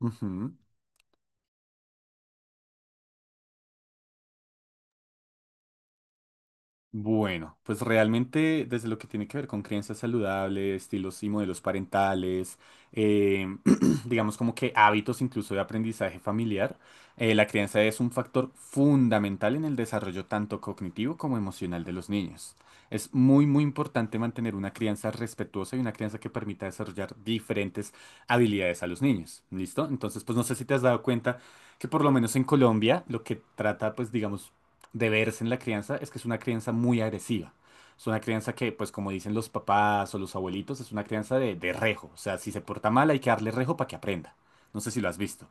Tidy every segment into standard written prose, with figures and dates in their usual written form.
Ujú. Bueno, pues realmente desde lo que tiene que ver con crianzas saludables, estilos y modelos parentales, eh, digamos como que hábitos incluso de aprendizaje familiar, la crianza es un factor fundamental en el desarrollo tanto cognitivo como emocional de los niños. Es muy, muy importante mantener una crianza respetuosa y una crianza que permita desarrollar diferentes habilidades a los niños. ¿Listo? Entonces, pues no sé si te has dado cuenta que por lo menos en Colombia lo que trata, pues digamos, de verse en la crianza es que es una crianza muy agresiva. Es una crianza que, pues como dicen los papás o los abuelitos, es una crianza de rejo. O sea, si se porta mal hay que darle rejo para que aprenda. No sé si lo has visto.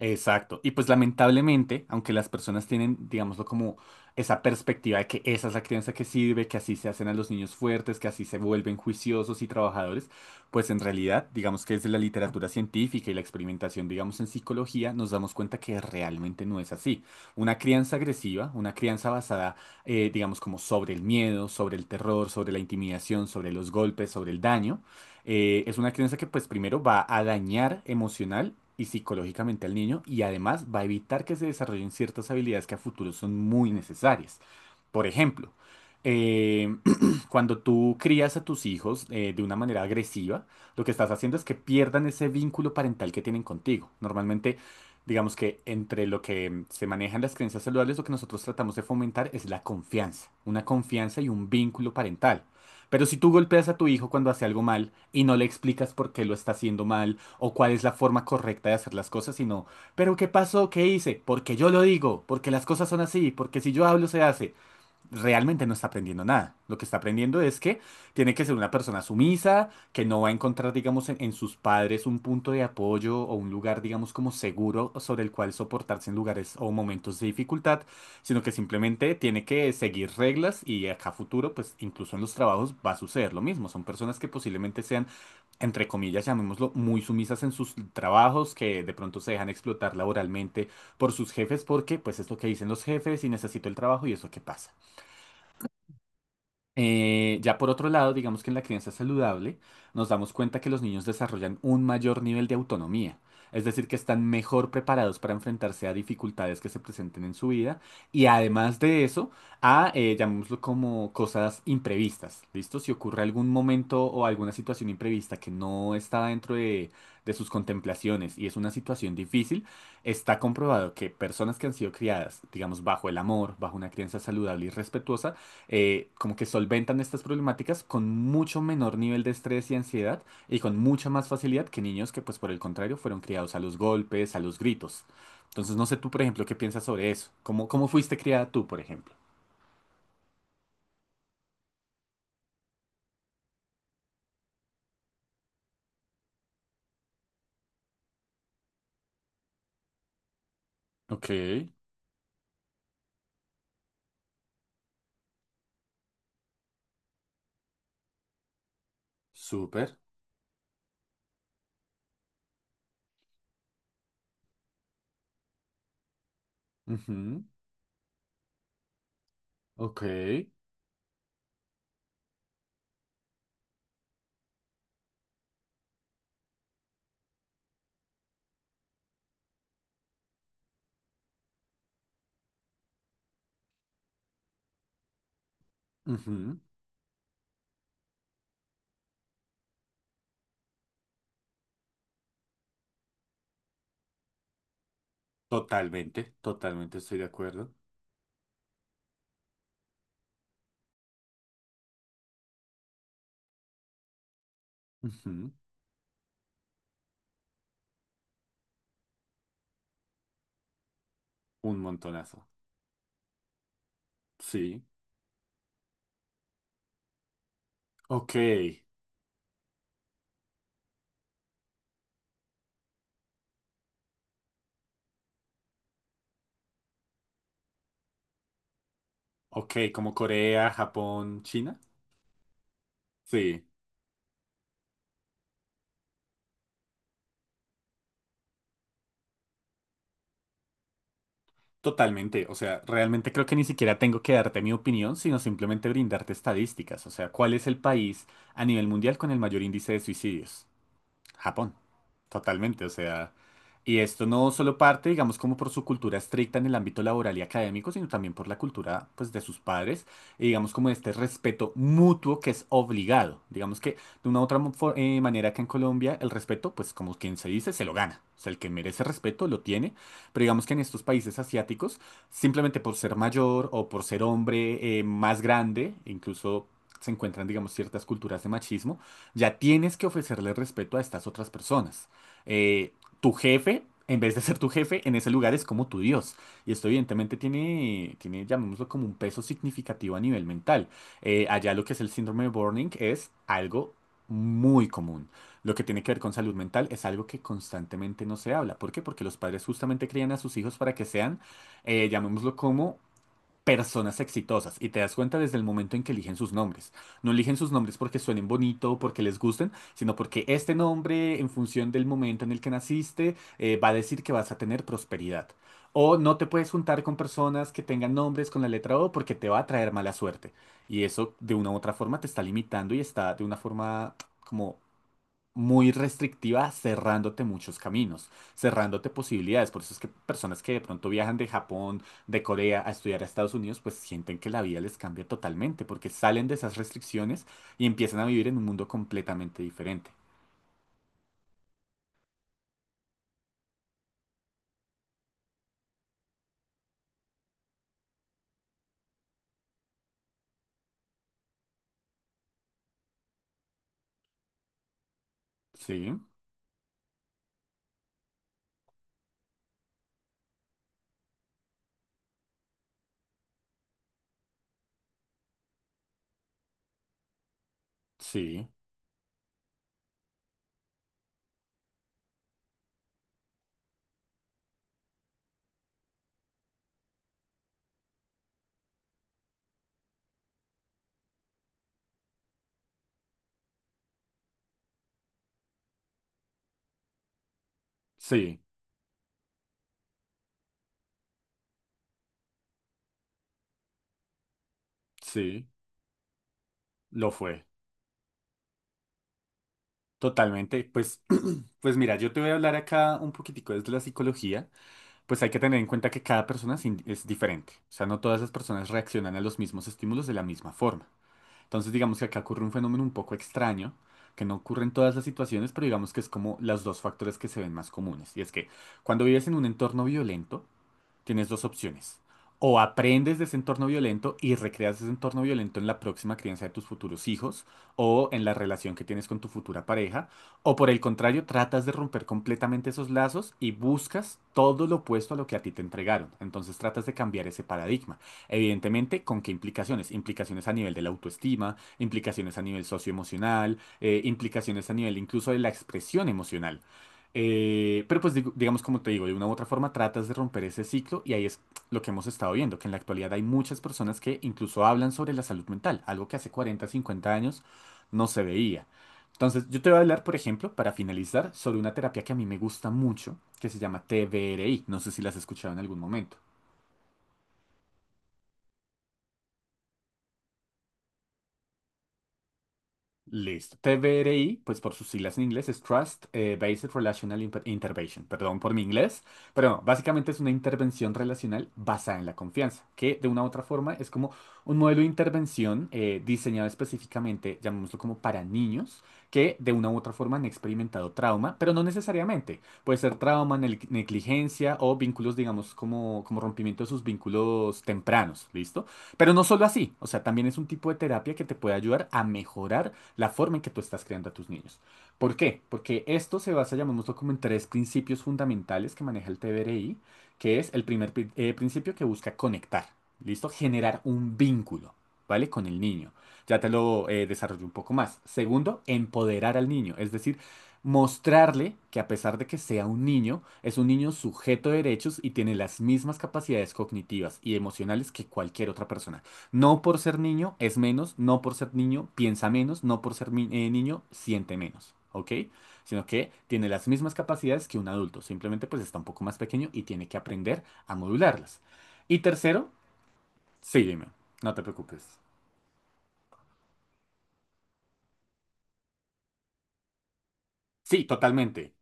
Exacto. Y pues lamentablemente, aunque las personas tienen, digámoslo como esa perspectiva de que esa es la crianza que sirve, que así se hacen a los niños fuertes, que así se vuelven juiciosos y trabajadores, pues en realidad, digamos que desde la literatura científica y la experimentación, digamos en psicología, nos damos cuenta que realmente no es así. Una crianza agresiva, una crianza basada, digamos como sobre el miedo, sobre el terror, sobre la intimidación, sobre los golpes, sobre el daño es una crianza que pues primero va a dañar emocional y psicológicamente al niño y además va a evitar que se desarrollen ciertas habilidades que a futuro son muy necesarias. Por ejemplo, eh, cuando tú crías a tus hijos de una manera agresiva, lo que estás haciendo es que pierdan ese vínculo parental que tienen contigo. Normalmente, digamos que entre lo que se manejan las creencias saludables, lo que nosotros tratamos de fomentar es la confianza, una confianza y un vínculo parental. Pero si tú golpeas a tu hijo cuando hace algo mal y no le explicas por qué lo está haciendo mal o cuál es la forma correcta de hacer las cosas, sino, pero ¿qué pasó? ¿Qué hice? Porque yo lo digo, porque las cosas son así, porque si yo hablo se hace realmente no está aprendiendo nada. Lo que está aprendiendo es que tiene que ser una persona sumisa, que no va a encontrar, digamos, en sus padres un punto de apoyo o un lugar, digamos, como seguro sobre el cual soportarse en lugares o momentos de dificultad, sino que simplemente tiene que seguir reglas y acá a futuro, pues incluso en los trabajos va a suceder lo mismo. Son personas que posiblemente sean, entre comillas, llamémoslo, muy sumisas en sus trabajos, que de pronto se dejan explotar laboralmente por sus jefes porque pues es lo que dicen los jefes y necesito el trabajo y eso qué pasa. Ya por otro lado, digamos que en la crianza saludable nos damos cuenta que los niños desarrollan un mayor nivel de autonomía, es decir, que están mejor preparados para enfrentarse a dificultades que se presenten en su vida y además de eso, a, llamémoslo como cosas imprevistas, ¿listo? Si ocurre algún momento o alguna situación imprevista que no está dentro de sus contemplaciones y es una situación difícil, está comprobado que personas que han sido criadas, digamos, bajo el amor, bajo una crianza saludable y respetuosa, como que solventan estas problemáticas con mucho menor nivel de estrés y ansiedad y con mucha más facilidad que niños que, pues por el contrario, fueron criados a los golpes, a los gritos. Entonces, no sé tú, por ejemplo, qué piensas sobre eso. ¿Cómo, cómo fuiste criada tú, por ejemplo? Ok, súper. Ujú. Ok, ujú, totalmente, totalmente estoy de acuerdo. Ujú. Un montonazo. Sí. Ok, ok, como Corea, Japón, China. Sí. Totalmente, o sea, realmente creo que ni siquiera tengo que darte mi opinión, sino simplemente brindarte estadísticas, o sea, ¿cuál es el país a nivel mundial con el mayor índice de suicidios? Japón, totalmente, o sea, y esto no solo parte, digamos, como por su cultura estricta en el ámbito laboral y académico, sino también por la cultura, pues, de sus padres, y digamos, como este respeto mutuo que es obligado, digamos que de una u otra manera que en Colombia el respeto, pues, como quien se dice, se lo gana, o sea, el que merece respeto lo tiene, pero digamos que en estos países asiáticos, simplemente por ser mayor o por ser hombre más grande, incluso se encuentran, digamos, ciertas culturas de machismo, ya tienes que ofrecerle respeto a estas otras personas. Eh, Tu jefe, en vez de ser tu jefe, en ese lugar es como tu Dios. Y esto evidentemente tiene, llamémoslo como un peso significativo a nivel mental. Allá lo que es el síndrome de burnout es algo muy común. Lo que tiene que ver con salud mental es algo que constantemente no se habla. ¿Por qué? Porque los padres justamente crían a sus hijos para que sean, llamémoslo como personas exitosas y te das cuenta desde el momento en que eligen sus nombres. No eligen sus nombres porque suenen bonito o porque les gusten, sino porque este nombre, en función del momento en el que naciste, va a decir que vas a tener prosperidad. O no te puedes juntar con personas que tengan nombres con la letra O porque te va a traer mala suerte. Y eso de una u otra forma te está limitando y está de una forma como muy restrictiva, cerrándote muchos caminos, cerrándote posibilidades. Por eso es que personas que de pronto viajan de Japón, de Corea a estudiar a Estados Unidos, pues sienten que la vida les cambia totalmente, porque salen de esas restricciones y empiezan a vivir en un mundo completamente diferente. Sí, sí, sí, sí, lo fue. Totalmente, pues, pues mira, yo te voy a hablar acá un poquitico desde la psicología, pues hay que tener en cuenta que cada persona es diferente, o sea, no todas las personas reaccionan a los mismos estímulos de la misma forma. Entonces digamos que acá ocurre un fenómeno un poco extraño, que no ocurre en todas las situaciones, pero digamos que es como los 2 factores que se ven más comunes. Y es que cuando vives en un entorno violento, tienes 2 opciones. O aprendes de ese entorno violento y recreas ese entorno violento en la próxima crianza de tus futuros hijos o en la relación que tienes con tu futura pareja. O por el contrario, tratas de romper completamente esos lazos y buscas todo lo opuesto a lo que a ti te entregaron. Entonces tratas de cambiar ese paradigma. Evidentemente, ¿con qué implicaciones? Implicaciones a nivel de la autoestima, implicaciones a nivel socioemocional, implicaciones a nivel incluso de la expresión emocional. Pero pues digamos como te digo, de una u otra forma tratas de romper ese ciclo y ahí es lo que hemos estado viendo, que en la actualidad hay muchas personas que incluso hablan sobre la salud mental, algo que hace 40, 50 años no se veía. Entonces, yo te voy a hablar, por ejemplo, para finalizar, sobre una terapia que a mí me gusta mucho, que se llama TBRI. No sé si las has escuchado en algún momento. Listo. TBRI, pues por sus siglas en inglés, es Trust Based Relational Intervention. Perdón por mi inglés, pero no, básicamente es una intervención relacional basada en la confianza, que de una u otra forma es como un modelo de intervención diseñado específicamente, llamémoslo como para niños, que de una u otra forma han experimentado trauma, pero no necesariamente. Puede ser trauma, negligencia o vínculos, digamos, como rompimiento de sus vínculos tempranos, ¿listo? Pero no solo así, o sea, también es un tipo de terapia que te puede ayudar a mejorar la forma en que tú estás creando a tus niños. ¿Por qué? Porque esto se basa, llamémoslo como en 3 principios fundamentales que maneja el TBRI, que es el principio que busca conectar, ¿listo? Generar un vínculo, ¿vale? Con el niño. Ya te lo desarrollo un poco más. Segundo, empoderar al niño, es decir, mostrarle que a pesar de que sea un niño, es un niño sujeto de derechos y tiene las mismas capacidades cognitivas y emocionales que cualquier otra persona. No por ser niño es menos, no por ser niño piensa menos, no por ser niño siente menos, ¿ok? Sino que tiene las mismas capacidades que un adulto, simplemente pues está un poco más pequeño y tiene que aprender a modularlas. Y tercero, sí, dime, no te preocupes. Sí, totalmente.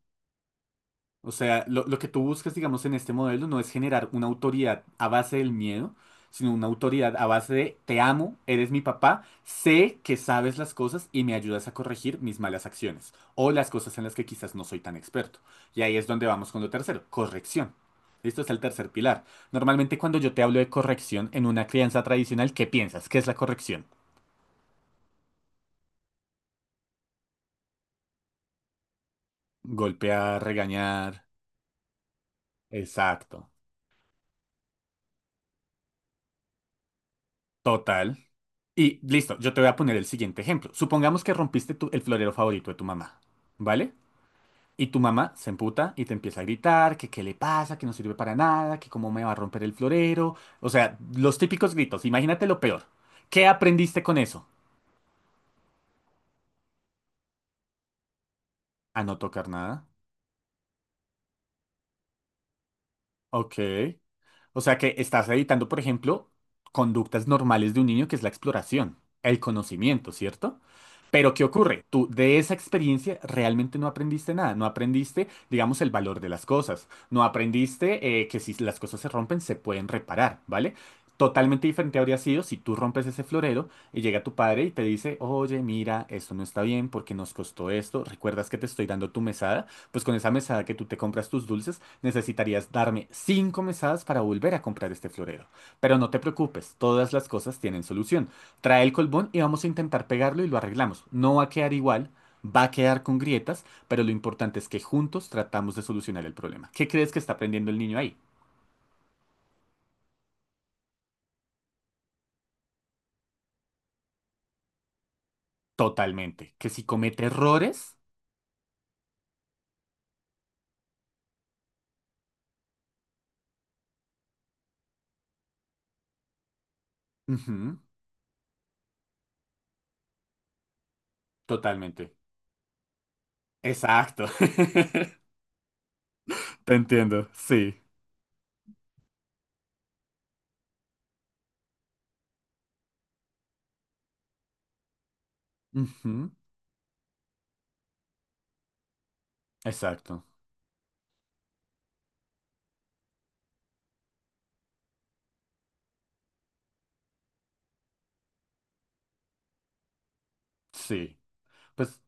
O sea, lo que tú buscas, digamos, en este modelo no es generar una autoridad a base del miedo, sino una autoridad a base de te amo, eres mi papá, sé que sabes las cosas y me ayudas a corregir mis malas acciones o las cosas en las que quizás no soy tan experto. Y ahí es donde vamos con lo tercero, corrección. Esto es el tercer pilar. Normalmente cuando yo te hablo de corrección en una crianza tradicional, ¿qué piensas? ¿Qué es la corrección? Golpear, regañar. Exacto. Total. Y listo, yo te voy a poner el siguiente ejemplo. Supongamos que el florero favorito de tu mamá, ¿vale? Y tu mamá se emputa y te empieza a gritar que qué le pasa, que no sirve para nada, que cómo me va a romper el florero. O sea, los típicos gritos. Imagínate lo peor. ¿Qué aprendiste con eso? A no tocar nada. Ok. O sea que estás editando, por ejemplo, conductas normales de un niño, que es la exploración, el conocimiento, ¿cierto? Pero ¿qué ocurre? Tú de esa experiencia realmente no aprendiste nada, no aprendiste, digamos, el valor de las cosas, no aprendiste que si las cosas se rompen se pueden reparar, ¿vale? Totalmente diferente habría sido si tú rompes ese florero y llega tu padre y te dice, oye, mira, esto no está bien porque nos costó esto, ¿recuerdas que te estoy dando tu mesada? Pues con esa mesada que tú te compras tus dulces, necesitarías darme cinco mesadas para volver a comprar este florero. Pero no te preocupes, todas las cosas tienen solución. Trae el colbón y vamos a intentar pegarlo y lo arreglamos. No va a quedar igual, va a quedar con grietas, pero lo importante es que juntos tratamos de solucionar el problema. ¿Qué crees que está aprendiendo el niño ahí? Totalmente. ¿Que si comete errores? Ujú. Totalmente. Exacto. Te entiendo, sí. Ujú. Exacto, sí. Pues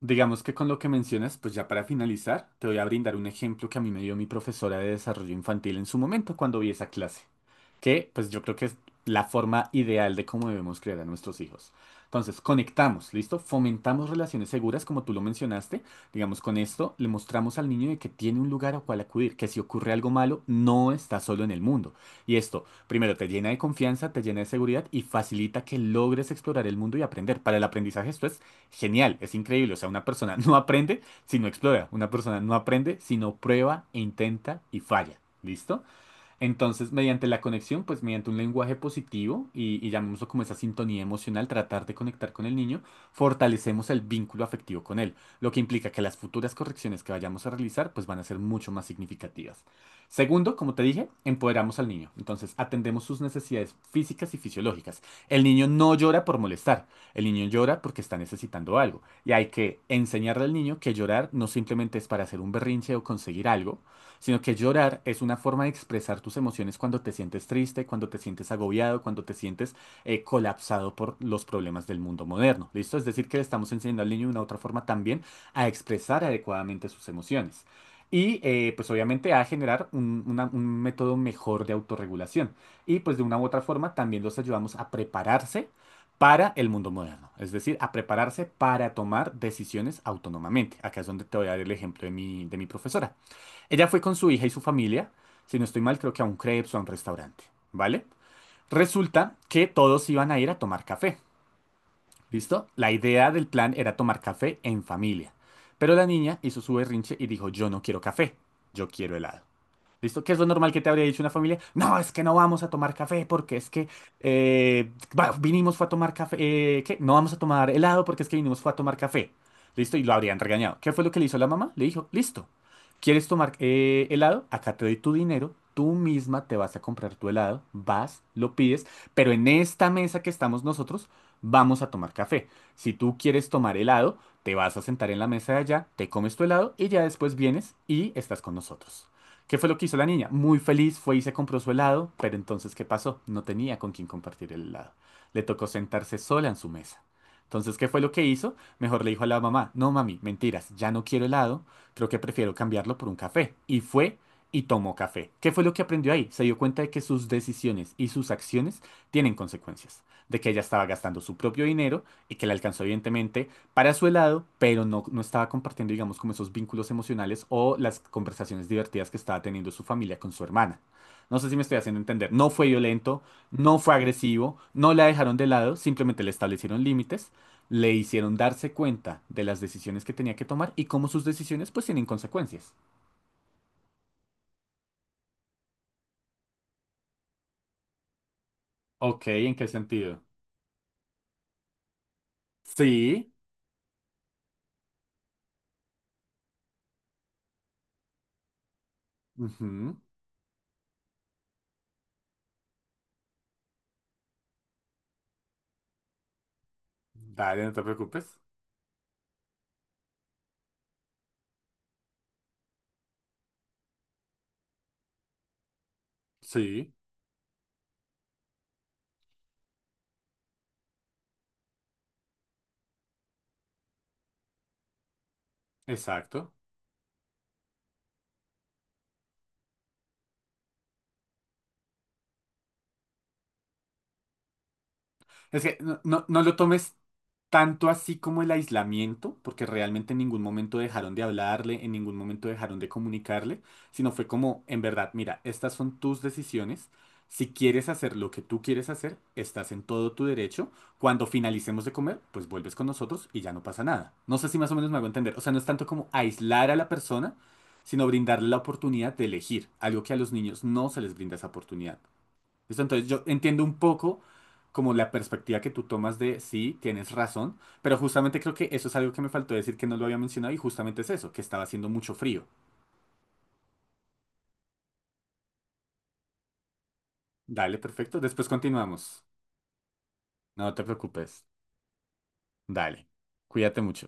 digamos que con lo que mencionas, pues ya para finalizar, te voy a brindar un ejemplo que a mí me dio mi profesora de desarrollo infantil en su momento cuando vi esa clase, que pues yo creo que es la forma ideal de cómo debemos crear a nuestros hijos. Entonces, conectamos, ¿listo? Fomentamos relaciones seguras, como tú lo mencionaste. Digamos, con esto le mostramos al niño de que tiene un lugar a cual acudir, que si ocurre algo malo, no está solo en el mundo. Y esto, primero, te llena de confianza, te llena de seguridad y facilita que logres explorar el mundo y aprender. Para el aprendizaje esto es genial, es increíble. O sea, una persona no aprende si no explora, una persona no aprende si no prueba, intenta y falla. ¿Listo? Entonces, mediante la conexión, pues mediante un lenguaje positivo y llamémoslo como esa sintonía emocional, tratar de conectar con el niño, fortalecemos el vínculo afectivo con él, lo que implica que las futuras correcciones que vayamos a realizar, pues van a ser mucho más significativas. Segundo, como te dije, empoderamos al niño. Entonces, atendemos sus necesidades físicas y fisiológicas. El niño no llora por molestar, el niño llora porque está necesitando algo. Y hay que enseñarle al niño que llorar no simplemente es para hacer un berrinche o conseguir algo, sino que llorar es una forma de expresar tus emociones cuando te sientes triste, cuando te sientes agobiado, cuando te sientes colapsado por los problemas del mundo moderno. ¿Listo? Es decir, que le estamos enseñando al niño de una otra forma también a expresar adecuadamente sus emociones. Y pues obviamente a generar un método mejor de autorregulación. Y pues de una u otra forma también los ayudamos a prepararse para el mundo moderno, es decir, a prepararse para tomar decisiones autónomamente. Acá es donde te voy a dar el ejemplo de de mi profesora. Ella fue con su hija y su familia, si no estoy mal, creo que a un crepes o a un restaurante, ¿vale? Resulta que todos iban a ir a tomar café, ¿listo? La idea del plan era tomar café en familia, pero la niña hizo su berrinche y dijo, yo no quiero café, yo quiero helado. ¿Listo? ¿Qué es lo normal que te habría dicho una familia? No, es que no vamos a tomar café porque es que eh, vinimos fue a tomar café. ¿Qué? No vamos a tomar helado porque es que vinimos fue a tomar café. ¿Listo? Y lo habrían regañado. ¿Qué fue lo que le hizo la mamá? Le dijo, listo. ¿Quieres tomar helado? Acá te doy tu dinero. Tú misma te vas a comprar tu helado. Vas, lo pides. Pero en esta mesa que estamos nosotros, vamos a tomar café. Si tú quieres tomar helado, te vas a sentar en la mesa de allá, te comes tu helado y ya después vienes y estás con nosotros. ¿Qué fue lo que hizo la niña? Muy feliz fue y se compró su helado, pero entonces, ¿qué pasó? No tenía con quién compartir el helado. Le tocó sentarse sola en su mesa. Entonces, ¿qué fue lo que hizo? Mejor le dijo a la mamá, no mami, mentiras, ya no quiero helado, creo que prefiero cambiarlo por un café. Y fue y tomó café. ¿Qué fue lo que aprendió ahí? Se dio cuenta de que sus decisiones y sus acciones tienen consecuencias, de que ella estaba gastando su propio dinero y que le alcanzó evidentemente para su helado, pero no estaba compartiendo, digamos, como esos vínculos emocionales o las conversaciones divertidas que estaba teniendo su familia con su hermana. No sé si me estoy haciendo entender. No fue violento, no fue agresivo, no la dejaron de lado, simplemente le establecieron límites, le hicieron darse cuenta de las decisiones que tenía que tomar y cómo sus decisiones pues tienen consecuencias. Ok, ¿en qué sentido? Sí. Ujú. Dale, no te preocupes. Sí, exacto. Es que no lo tomes tanto así como el aislamiento, porque realmente en ningún momento dejaron de hablarle, en ningún momento dejaron de comunicarle, sino fue como, en verdad, mira, estas son tus decisiones. Si quieres hacer lo que tú quieres hacer, estás en todo tu derecho. Cuando finalicemos de comer, pues vuelves con nosotros y ya no pasa nada. No sé si más o menos me hago entender. O sea, no es tanto como aislar a la persona, sino brindarle la oportunidad de elegir, algo que a los niños no se les brinda esa oportunidad. ¿Listo? Entonces yo entiendo un poco como la perspectiva que tú tomas de sí, tienes razón, pero justamente creo que eso es algo que me faltó decir que no lo había mencionado y justamente es eso, que estaba haciendo mucho frío. Dale, perfecto. Después continuamos. No te preocupes. Dale. Cuídate mucho.